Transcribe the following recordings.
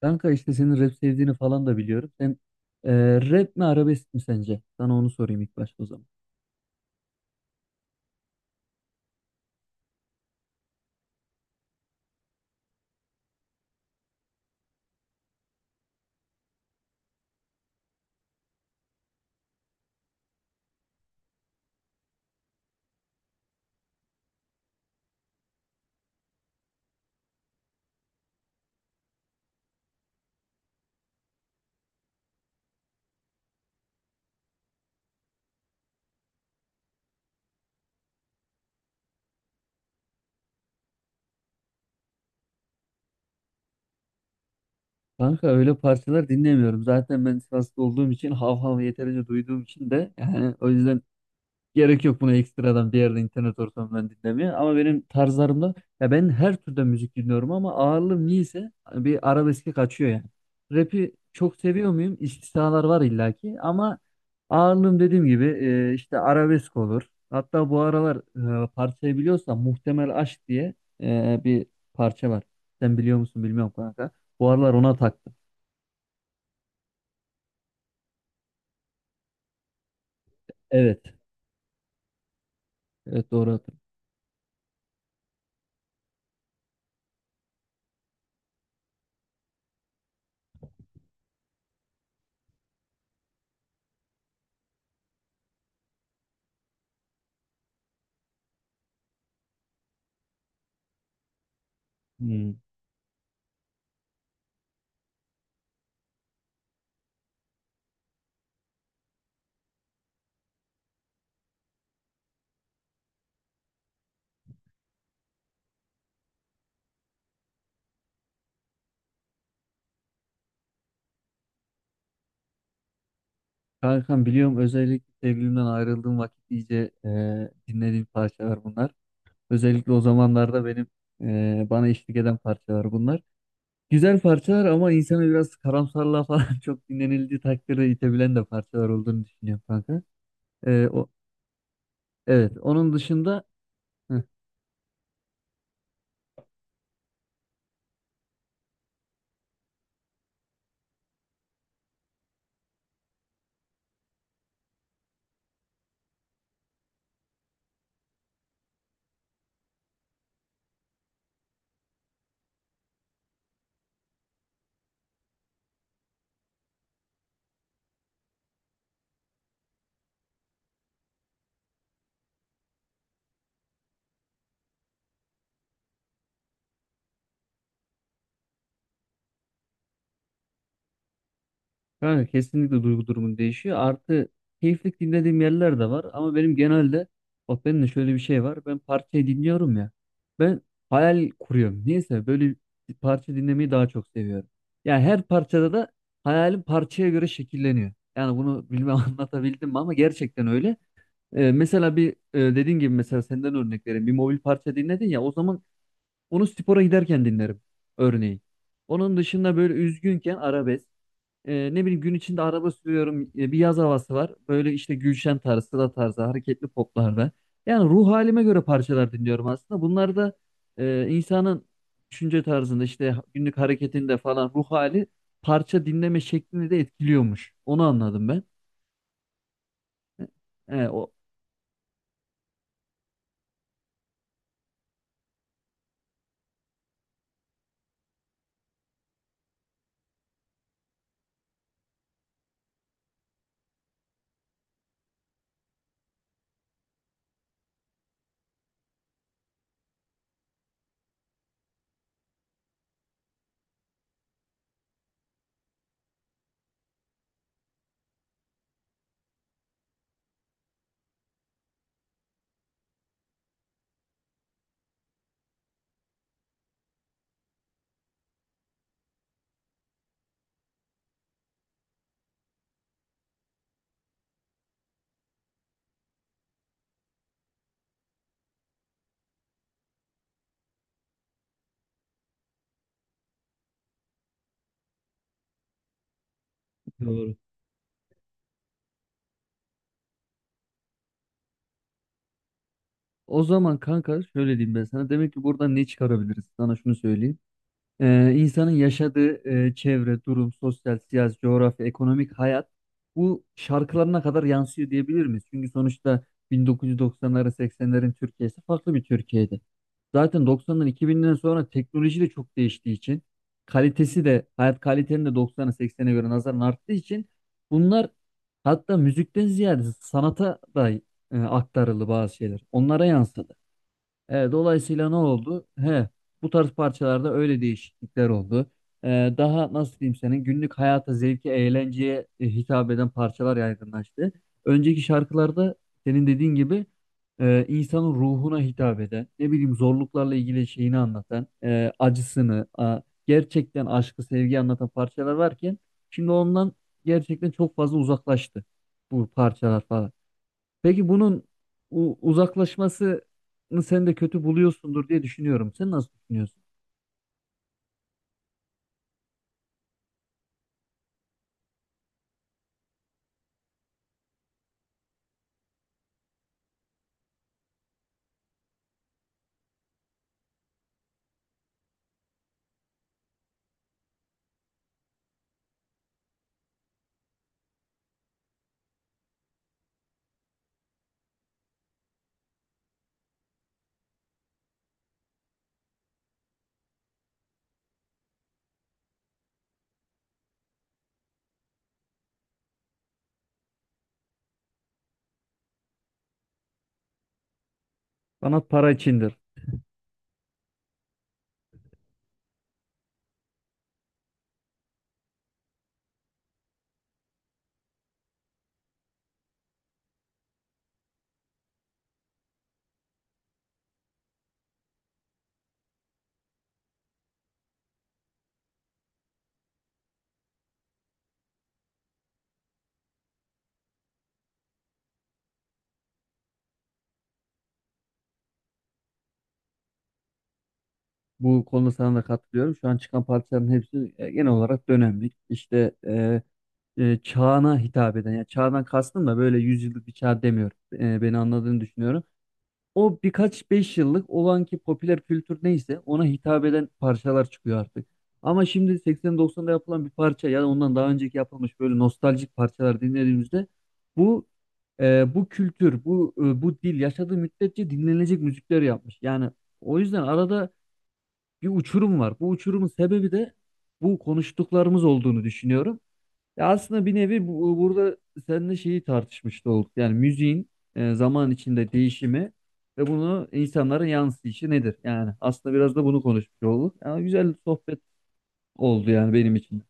Kanka işte senin rap sevdiğini falan da biliyorum. Sen e, rap mi arabesk mi sence? Sana onu sorayım ilk başta o zaman. Kanka öyle parçalar dinlemiyorum. Zaten ben Sivaslı olduğum için hav hav yeterince duyduğum için de, yani o yüzden gerek yok buna ekstradan bir yerde internet ortamından dinlemeye. Ama benim tarzlarımda, ya ben her türden müzik dinliyorum ama ağırlığım niyeyse bir arabeske kaçıyor yani. Rap'i çok seviyor muyum? İstisnalar var illaki ama ağırlığım, dediğim gibi, işte arabesk olur. Hatta bu aralar parçayı biliyorsan, Muhtemel Aşk diye bir parça var. Sen biliyor musun bilmiyorum kanka. Bu aralar ona taktım. Evet. Evet, doğru hatırlıyorum. Hmm. Kankam biliyorum, özellikle sevgilimden ayrıldığım vakit iyice dinlediğim parçalar bunlar. Özellikle o zamanlarda benim bana eşlik eden parçalar bunlar. Güzel parçalar ama insanı biraz karamsarlığa falan çok dinlenildiği takdirde itebilen de parçalar olduğunu düşünüyorum kanka. E, o, evet, onun dışında... Hı. Yani kesinlikle duygu durumun değişiyor. Artı, keyiflik dinlediğim yerler de var. Ama benim genelde, bak, benim de şöyle bir şey var. Ben parçayı dinliyorum ya. Ben hayal kuruyorum. Neyse, böyle bir parça dinlemeyi daha çok seviyorum. Yani her parçada da hayalim parçaya göre şekilleniyor. Yani bunu bilmem anlatabildim mi, ama gerçekten öyle. Mesela bir, dediğin gibi, mesela senden örnek vereyim. Bir mobil parça dinledin ya, o zaman onu spora giderken dinlerim örneğin. Onun dışında böyle üzgünken arabesk. E, ne bileyim, gün içinde araba sürüyorum. E, bir yaz havası var. Böyle işte Gülşen tarzı, Sıla tarzı, hareketli poplarda. Yani ruh halime göre parçalar dinliyorum aslında. Bunlar da insanın düşünce tarzında, işte günlük hareketinde falan, ruh hali parça dinleme şeklini de etkiliyormuş. Onu anladım ben. E e, o doğru. O zaman kanka şöyle diyeyim ben sana. Demek ki buradan ne çıkarabiliriz? Sana şunu söyleyeyim. İnsanın yaşadığı çevre, durum, sosyal, siyasi, coğrafya, ekonomik hayat, bu şarkılarına kadar yansıyor diyebilir miyiz? Çünkü sonuçta 1990'ların, 80'lerin Türkiye'si farklı bir Türkiye'ydi. Zaten 90'dan, 2000'den sonra teknoloji de çok değiştiği için, kalitesi de, hayat kalitenin de 90'a, 80'e göre nazaran arttığı için bunlar, hatta müzikten ziyade sanata da aktarıldı bazı şeyler. Onlara yansıdı. E, dolayısıyla ne oldu? He, bu tarz parçalarda öyle değişiklikler oldu. E, daha nasıl diyeyim, senin günlük hayata, zevke, eğlenceye hitap eden parçalar yaygınlaştı. Önceki şarkılarda, senin dediğin gibi, insanın ruhuna hitap eden, ne bileyim zorluklarla ilgili şeyini anlatan, e, acısını, gerçekten aşkı, sevgi anlatan parçalar varken, şimdi ondan gerçekten çok fazla uzaklaştı bu parçalar falan. Peki bunun uzaklaşmasını sen de kötü buluyorsundur diye düşünüyorum. Sen nasıl düşünüyorsun? Sanat para içindir. Bu konuda sana da katılıyorum. Şu an çıkan parçaların hepsi genel olarak dönemlik. İşte çağına hitap eden. Yani çağdan kastım da böyle yüzyıllık bir çağ demiyorum. E, beni anladığını düşünüyorum. O birkaç beş yıllık olan ki, popüler kültür neyse ona hitap eden parçalar çıkıyor artık. Ama şimdi 80-90'da yapılan bir parça ya da ondan daha önceki yapılmış böyle nostaljik parçalar dinlediğimizde, bu bu kültür, bu dil yaşadığı müddetçe dinlenecek müzikler yapmış. Yani o yüzden arada bir uçurum var. Bu uçurumun sebebi de bu konuştuklarımız olduğunu düşünüyorum. Ya aslında bir nevi bu, burada seninle şeyi tartışmış da olduk. Yani müziğin zaman içinde değişimi ve bunu insanlara yansıyışı nedir? Yani aslında biraz da bunu konuşmuş olduk. Yani güzel bir sohbet oldu yani benim için.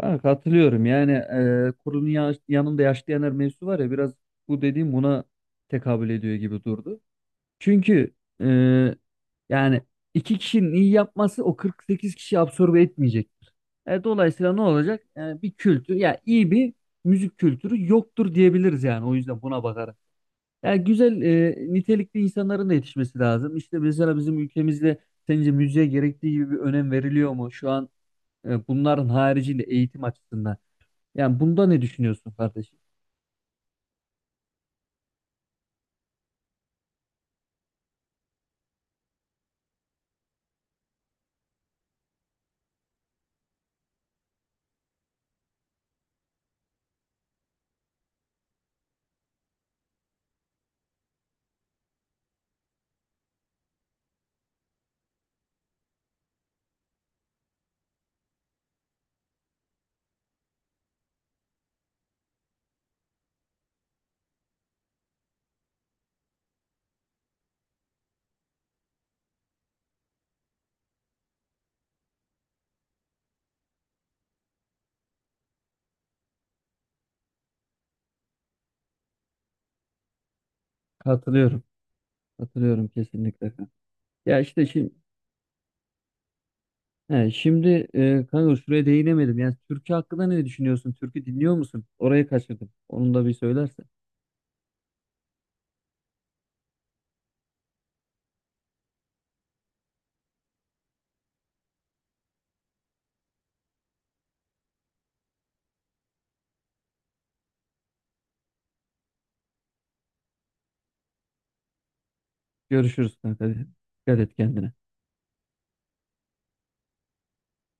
Ha, katılıyorum. Yani kurunun yanında yaşlı yanar mevzusu var ya, biraz bu dediğim buna tekabül ediyor gibi durdu. Çünkü e, yani iki kişinin iyi yapması o 48 kişi absorbe etmeyecek. E, dolayısıyla ne olacak? E, bir kültür, ya iyi bir müzik kültürü yoktur diyebiliriz yani. O yüzden buna bakarak. Yani güzel, nitelikli insanların da yetişmesi lazım. İşte mesela bizim ülkemizde sence müziğe gerektiği gibi bir önem veriliyor mu? Şu an bunların haricinde eğitim açısından. Yani bunda ne düşünüyorsun kardeşim? Katılıyorum. Katılıyorum kesinlikle, kanka. Ya işte şimdi, he, şimdi kanka şuraya değinemedim. Yani türkü hakkında ne düşünüyorsun? Türkü dinliyor musun? Orayı kaçırdım. Onu da bir söylersen. Görüşürüz kanka. Dikkat et kendine.